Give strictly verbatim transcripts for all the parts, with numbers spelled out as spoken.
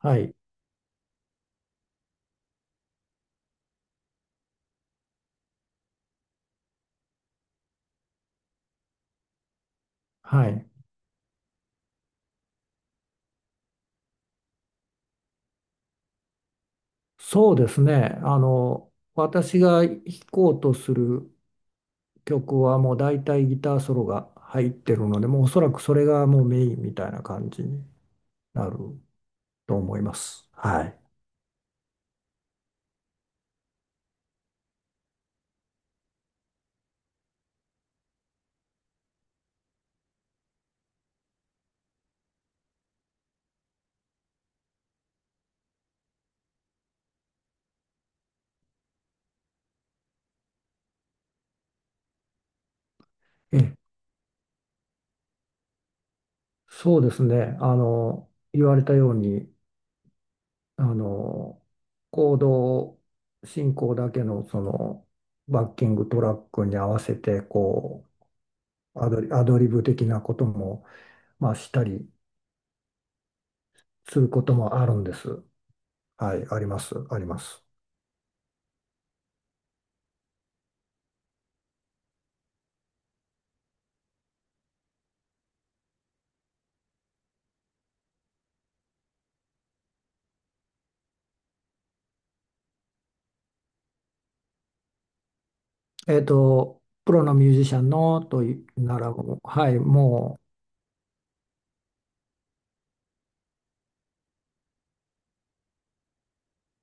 はい、はい。そうですね。あの、私が弾こうとする曲はもう大体ギターソロが入ってるので、もうおそらくそれがもうメインみたいな感じになると思います。はい。ええ、そうですね。あの、言われたように、あの、コード進行だけのそのバッキングトラックに合わせて、こう、アドリ、アドリブ的なことも、まあ、したりすることもあるんです。はい、あります、あります。えっと、プロのミュージシャンのというならもう、はい、も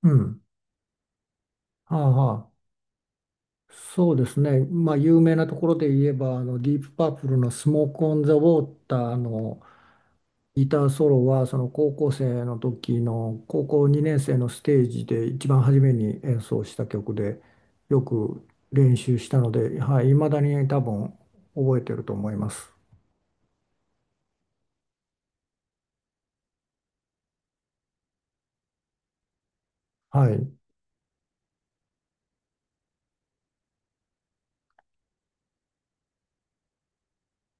う、うん、はあはあ、そうですね、まあ、有名なところで言えば、あのディープパープルのスモーク・オン・ザ・ウォーターのギターソロは、その高校生の時の高校にねんせい生のステージで一番初めに演奏した曲で、よく練習したので、はい、未だに多分覚えてると思います。はい、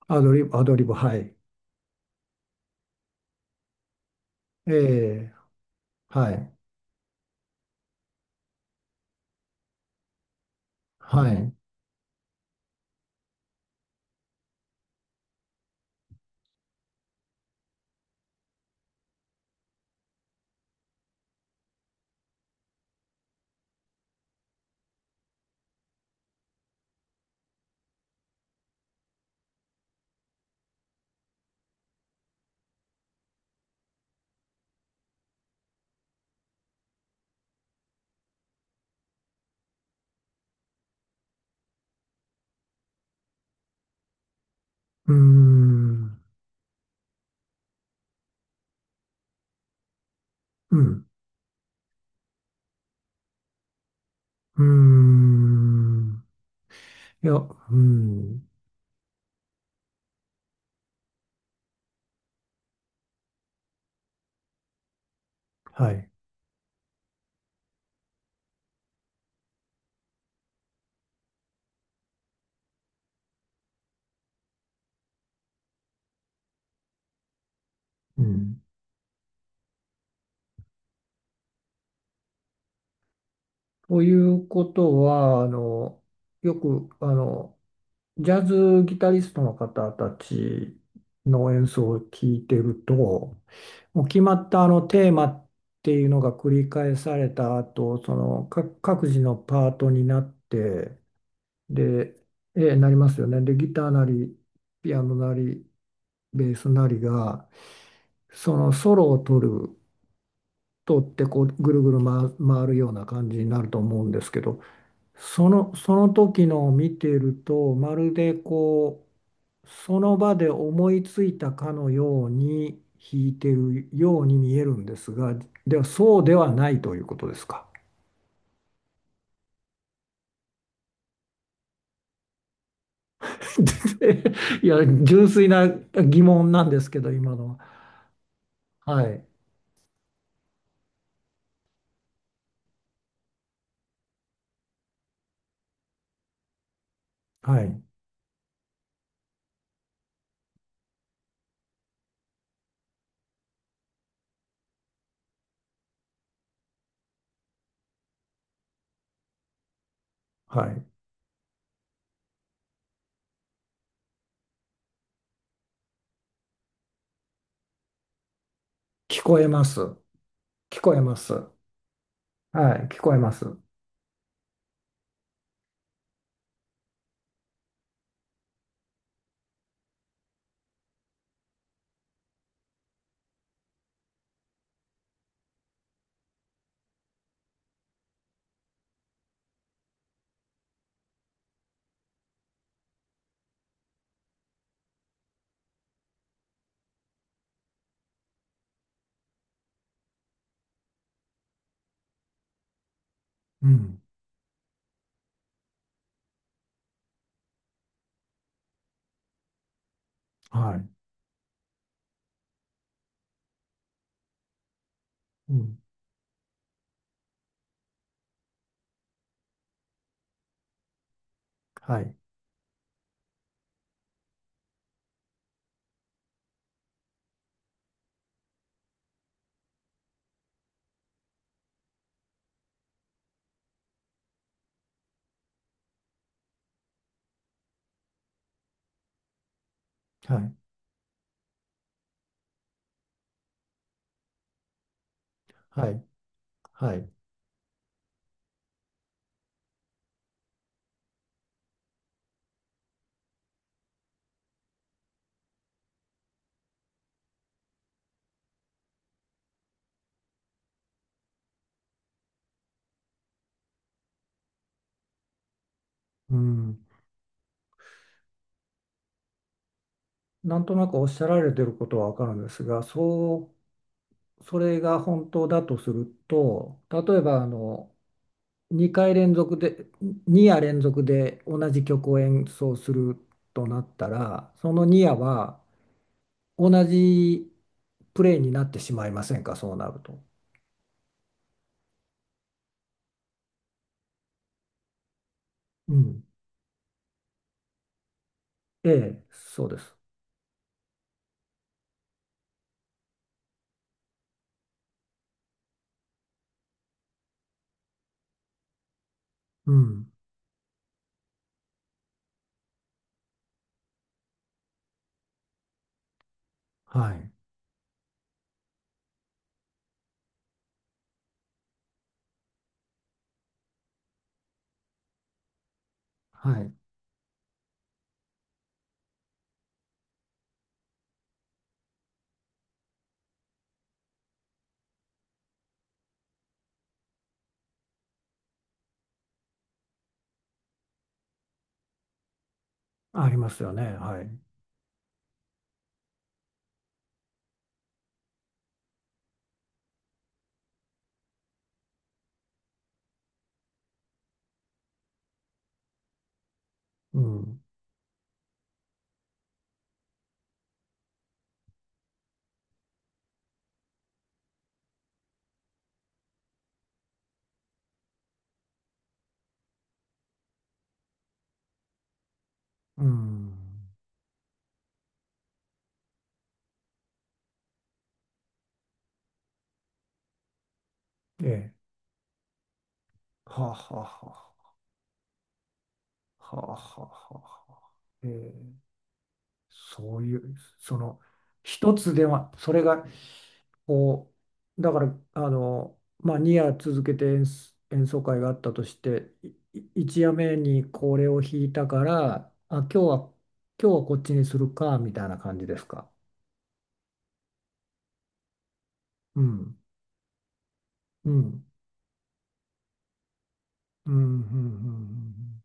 アドリブ、アドリブ、はい。ええ、はい。はい。うーん。うん。うーん。いや、うん。はい。うん。ということは、あの、よく、あの、ジャズギタリストの方たちの演奏を聞いてると、もう決まったあのテーマっていうのが繰り返された後、その各各自のパートになって、で、えーなりますよね。で、ギターなり、ピアノなり、ベースなりが、そのソロを取る、取ってこうぐるぐる回、回るような感じになると思うんですけど、その、その時のを見ていると、まるでこう、その場で思いついたかのように弾いてるように見えるんですが、ではそうではないということですか。いや、純粋な疑問なんですけど、今のは。はい、はい、はい。聞こえます。聞こえます。はい、聞こえます。うん、はい。うん、はい、はい、はい、はい。うん。なんとなくおっしゃられてることはわかるんですが、そう、それが本当だとすると、例えばあの、にかい連続で、に夜連続で同じ曲を演奏するとなったら、そのに夜は同じプレイになってしまいませんか、そうなると。うん。ええ、そうです。うん。はい。はい。ありますよね。はい。うん。うん。ええ。はあ、はあ、はあ、はあ、はあ、はあ、はあ。えーそういう、その、一つでは、それが、こう、だから、あの、まあ、に夜続けて演奏、演奏会があったとして、いち夜目にこれを弾いたから、あ、今日は、今日は、こっちにするか、みたいな感じですか。うん、うん、うん、うん、うん、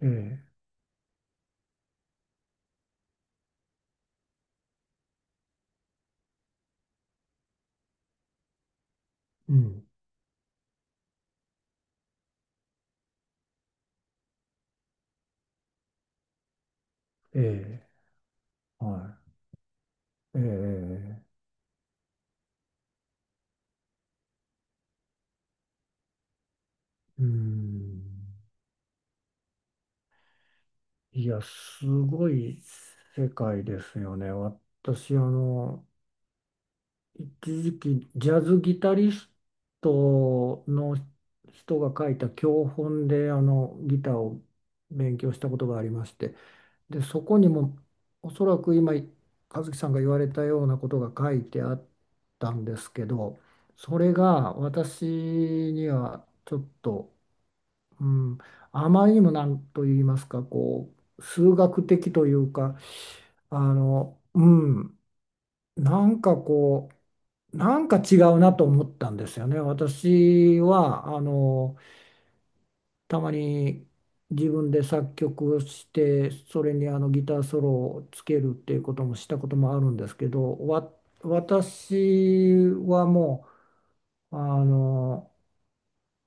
うん、うん、ええ、うん、ええ、はい、ええ、うん。いや、すごい世界ですよね。私、あの、一時期、ジャズギタリストの人が書いた教本で、あの、ギターを勉強したことがありまして、で、そこにも、おそらく今、和樹さんが言われたようなことが書いてあったんですけど、それが私にはちょっと、うん、あまりにもなんと言いますか、こう、数学的というか、あの、うん、なんかこう、なんか違うなと思ったんですよね。私は、あの、たまに自分で作曲をして、それにあのギターソロをつけるっていうこともしたこともあるんですけど、わ、私はもう、あの、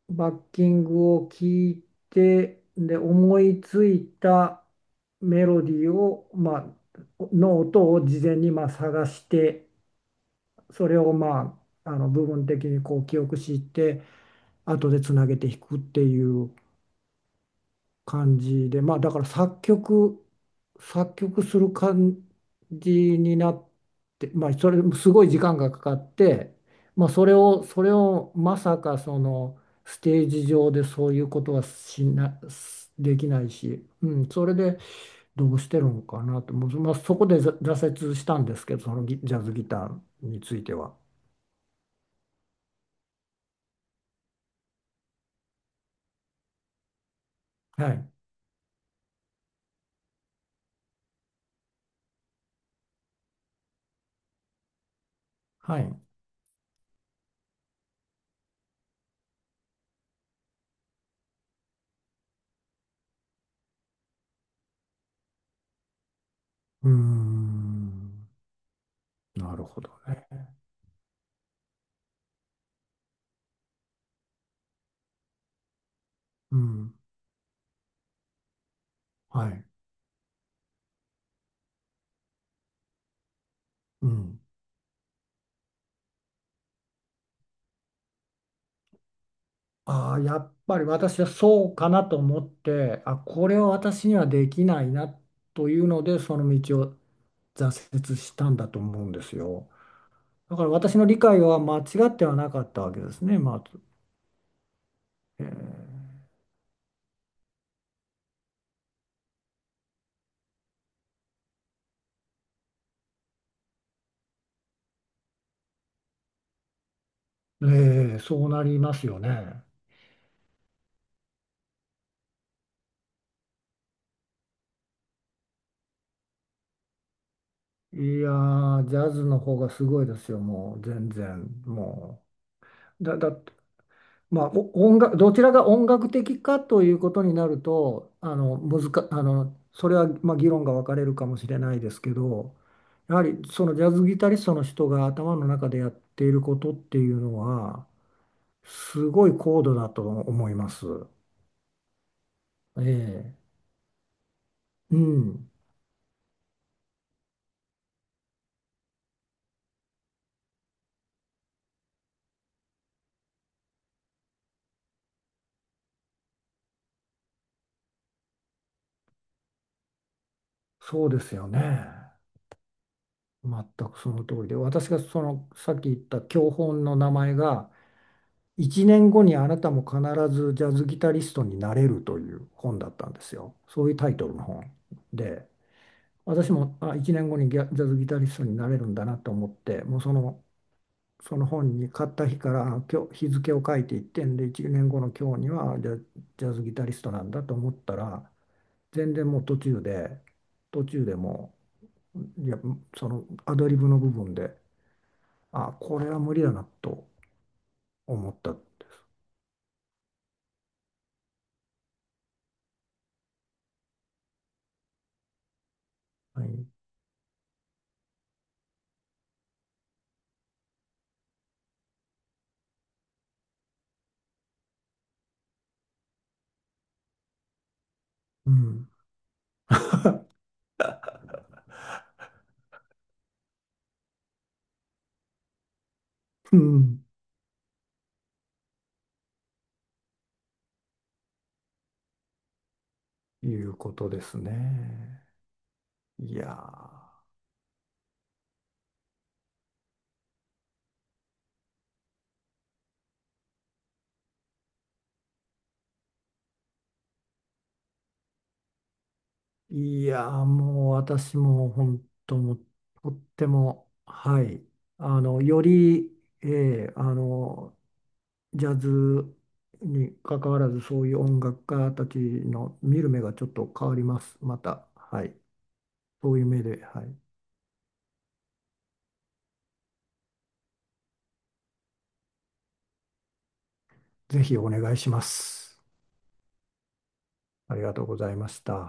バッキングを聞いて、で、思いついたメロディーを、まあ、の音を事前にまあ探して、それをまあ、あの部分的にこう記憶して、後でつなげて弾くっていう感じで、まあだから作曲、作曲する感じになって、まあそれすごい時間がかかって、まあそれを、それをまさかそのステージ上でそういうことはしな、できないし、うん、それでどうしてるのかなと、もうまあ、そこで挫折したんですけど、そのギジャズギターについては。はい。はい。うーん。なるほどね。うん。はい。うん。ああ、やっぱり私はそうかなと思って、あ、これは私にはできないなというので、その道を挫折したんだと思うんですよ。だから私の理解は間違ってはなかったわけですね、まず。えーえーそうなりますよね。いやー、ジャズの方がすごいですよ、もう全然。もう。だ、だ、まあ、お音楽、どちらが音楽的かということになると、あの、難か、あの、それは、まあ、議論が分かれるかもしれないですけど、やはりそのジャズギタリストの人が頭の中でやっていることっていうのは、すごい高度だと思います。ええ。うん。そうですよね。全くその通りで、私がその、さっき言った教本の名前が、いちねんごにあなたも必ずジャズギタリストになれるという本だったんですよ。そういうタイトルの本で、私もあいちねんごにギャジャズギタリストになれるんだなと思って、もうその、その本に買った日からあ今日日付を書いていってんで、いちねんごの今日にはジャ、ジャズギタリストなんだと思ったら、全然もう途中で、途中でもう、いや、そのアドリブの部分で、あ、これは無理だなと思った。はい。うん。うん、いうことですね。いやー、いやー、もう私も本当もうとっても、はい、あの、より、えーあの、ジャズに関わらず、そういう音楽家たちの見る目がちょっと変わります。また、はい、そういう目で、はい、ぜひお願いします。ありがとうございました。